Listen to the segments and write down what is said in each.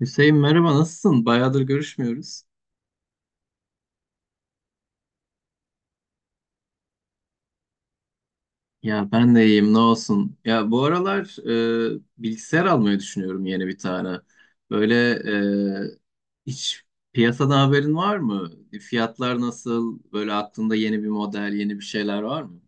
Hüseyin merhaba nasılsın? Bayağıdır görüşmüyoruz. Ya ben de iyiyim ne olsun. Ya bu aralar bilgisayar almayı düşünüyorum yeni bir tane. Böyle hiç piyasadan haberin var mı? Fiyatlar nasıl? Böyle aklında yeni bir model, yeni bir şeyler var mı?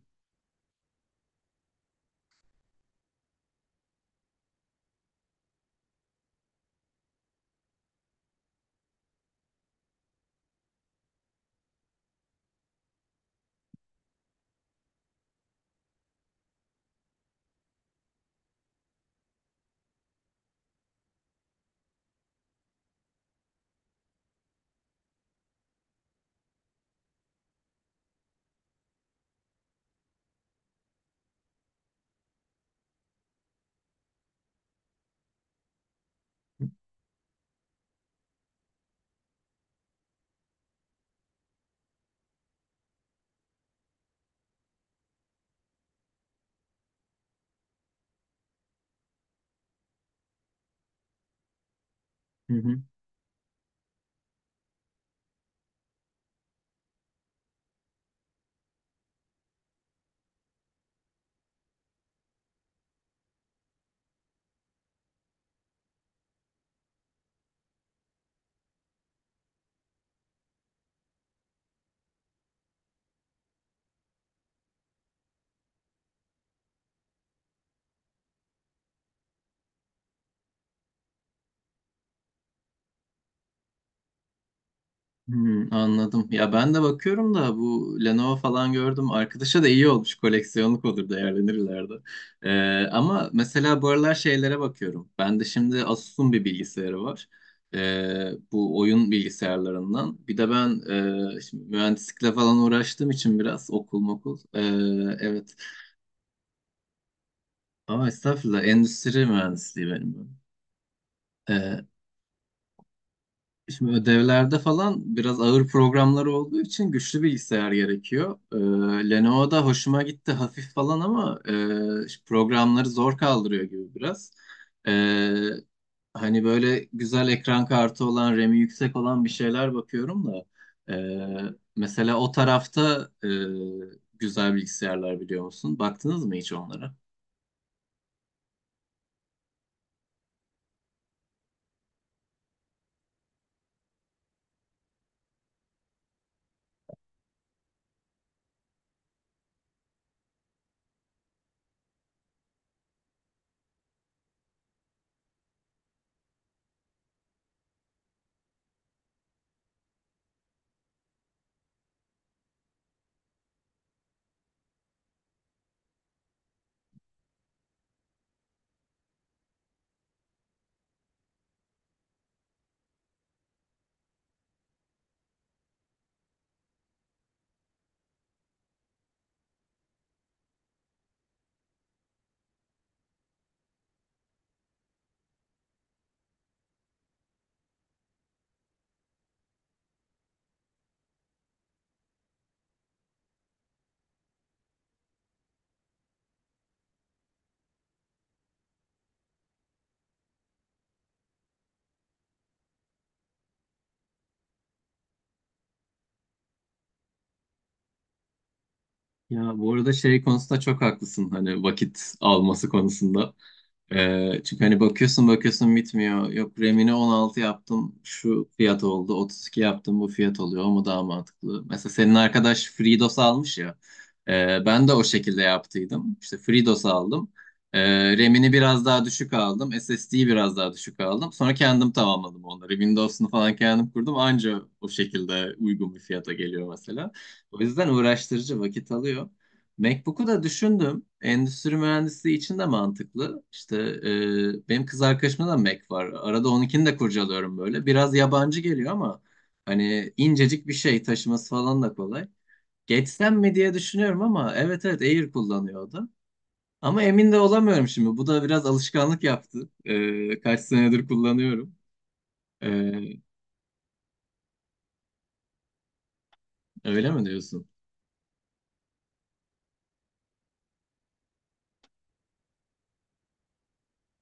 Anladım. Ya ben de bakıyorum da bu Lenovo falan gördüm. Arkadaşa da iyi olmuş. Koleksiyonluk olur değerlenir ileride. Ama mesela bu aralar şeylere bakıyorum. Ben de şimdi Asus'un bir bilgisayarı var. Bu oyun bilgisayarlarından. Bir de ben şimdi mühendislikle falan uğraştığım için biraz okul mokul. Evet. Ama estağfurullah endüstri mühendisliği benim. Şimdi ödevlerde falan biraz ağır programlar olduğu için güçlü bilgisayar gerekiyor. Lenovo'da hoşuma gitti hafif falan ama programları zor kaldırıyor gibi biraz. Ee, hani böyle güzel ekran kartı olan, RAM'i yüksek olan bir şeyler bakıyorum da. Mesela o tarafta güzel bilgisayarlar biliyor musun? Baktınız mı hiç onlara? Ya bu arada şey konusunda çok haklısın hani vakit alması konusunda. Çünkü hani bakıyorsun bakıyorsun bitmiyor. Yok RAM'ini 16 yaptım şu fiyat oldu. 32 yaptım bu fiyat oluyor. O mu daha mantıklı? Mesela senin arkadaş FreeDOS almış ya. Ben de o şekilde yaptıydım. İşte FreeDOS aldım. RAM'ini biraz daha düşük aldım. SSD'yi biraz daha düşük aldım. Sonra kendim tamamladım onları. Windows'unu falan kendim kurdum. Anca o şekilde uygun bir fiyata geliyor mesela. O yüzden uğraştırıcı vakit alıyor. MacBook'u da düşündüm. Endüstri mühendisliği için de mantıklı. İşte benim kız arkadaşımda da Mac var. Arada onunkini de kurcalıyorum böyle. Biraz yabancı geliyor ama hani incecik bir şey taşıması falan da kolay. Geçsem mi diye düşünüyorum ama evet evet Air kullanıyordu. Ama emin de olamıyorum şimdi. Bu da biraz alışkanlık yaptı. Kaç senedir kullanıyorum. E, öyle mi diyorsun?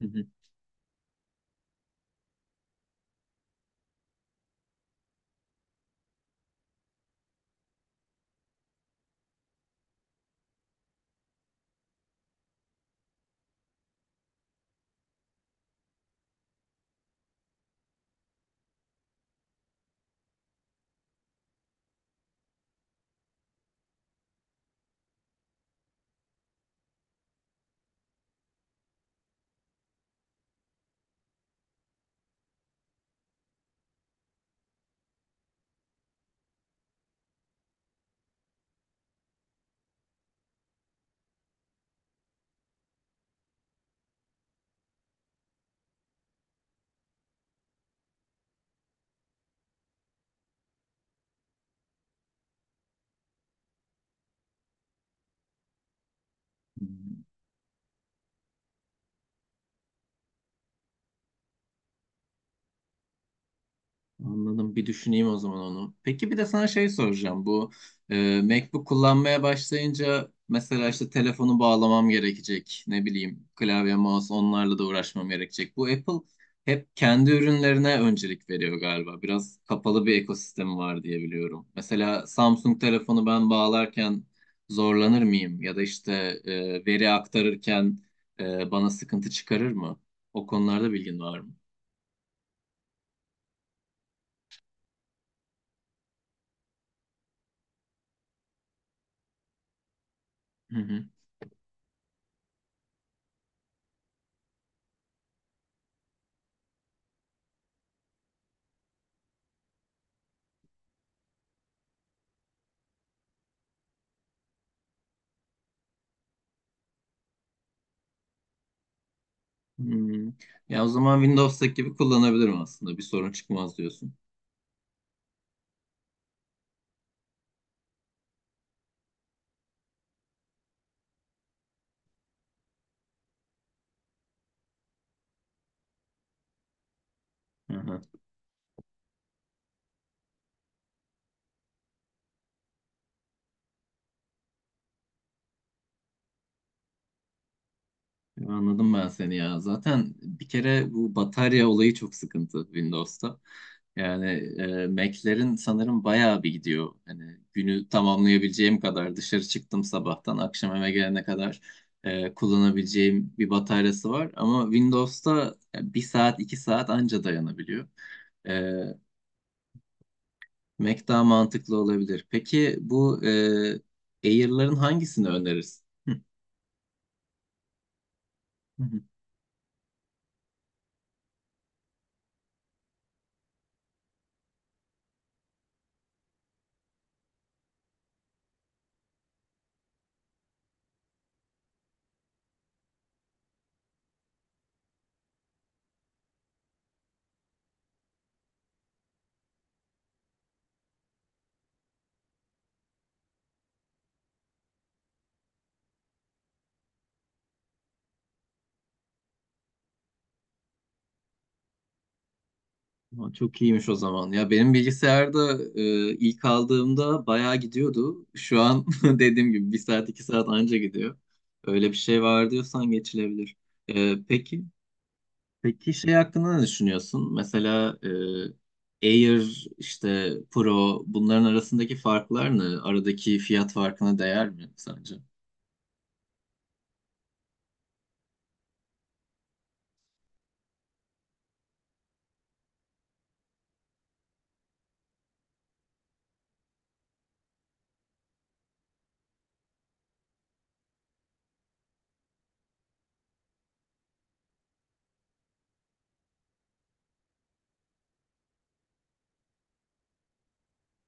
Hı hı. Anladım. Bir düşüneyim o zaman onu. Peki bir de sana şey soracağım. Bu MacBook kullanmaya başlayınca mesela işte telefonu bağlamam gerekecek. Ne bileyim klavye, mouse onlarla da uğraşmam gerekecek. Bu Apple hep kendi ürünlerine öncelik veriyor galiba. Biraz kapalı bir ekosistemi var diye biliyorum. Mesela Samsung telefonu ben bağlarken zorlanır mıyım? Ya da işte veri aktarırken bana sıkıntı çıkarır mı? O konularda bilgin var mı? Hmm. Ya o zaman Windows'taki gibi kullanabilirim aslında. Bir sorun çıkmaz diyorsun. Aha. Ya anladım ben seni ya. Zaten bir kere bu batarya olayı çok sıkıntı Windows'ta. Yani Mac'lerin sanırım bayağı bir gidiyor. Hani günü tamamlayabileceğim kadar dışarı çıktım sabahtan akşam eve gelene kadar kullanabileceğim bir bataryası var. Ama Windows'ta bir saat iki saat anca dayanabiliyor. E, Mac daha mantıklı olabilir. Peki bu Air'ların hangisini önerirsin? Hı, hı, hı. Aa, çok iyiymiş o zaman. Ya benim bilgisayarda ilk aldığımda bayağı gidiyordu. Şu an dediğim gibi bir saat iki saat anca gidiyor. Öyle bir şey var diyorsan geçilebilir. E, peki peki şey hakkında ne düşünüyorsun? Mesela Air işte Pro bunların arasındaki farklar ne? Aradaki fiyat farkına değer mi sence?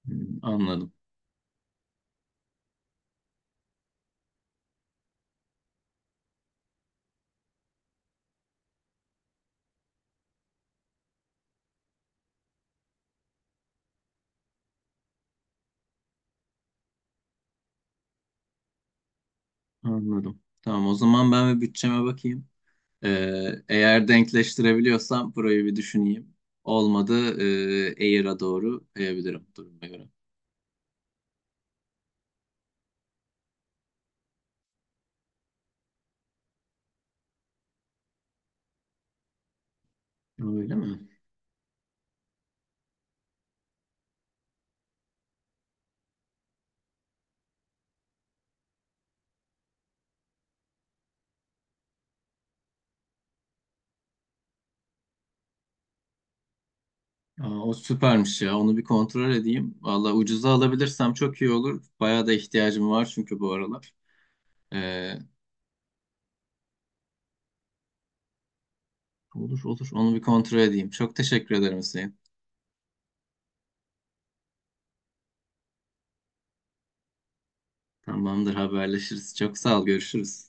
Anladım. Anladım. Tamam o zaman ben bir bütçeme bakayım. Eğer denkleştirebiliyorsam burayı bir düşüneyim. Olmadı Air'a doğru kayabilirim duruma göre. Öyle mi? Aa, o süpermiş ya. Onu bir kontrol edeyim. Valla ucuza alabilirsem çok iyi olur. Bayağı da ihtiyacım var çünkü bu aralar. Ee, olur olur. Onu bir kontrol edeyim. Çok teşekkür ederim Hüseyin. Tamamdır haberleşiriz. Çok sağ ol. Görüşürüz.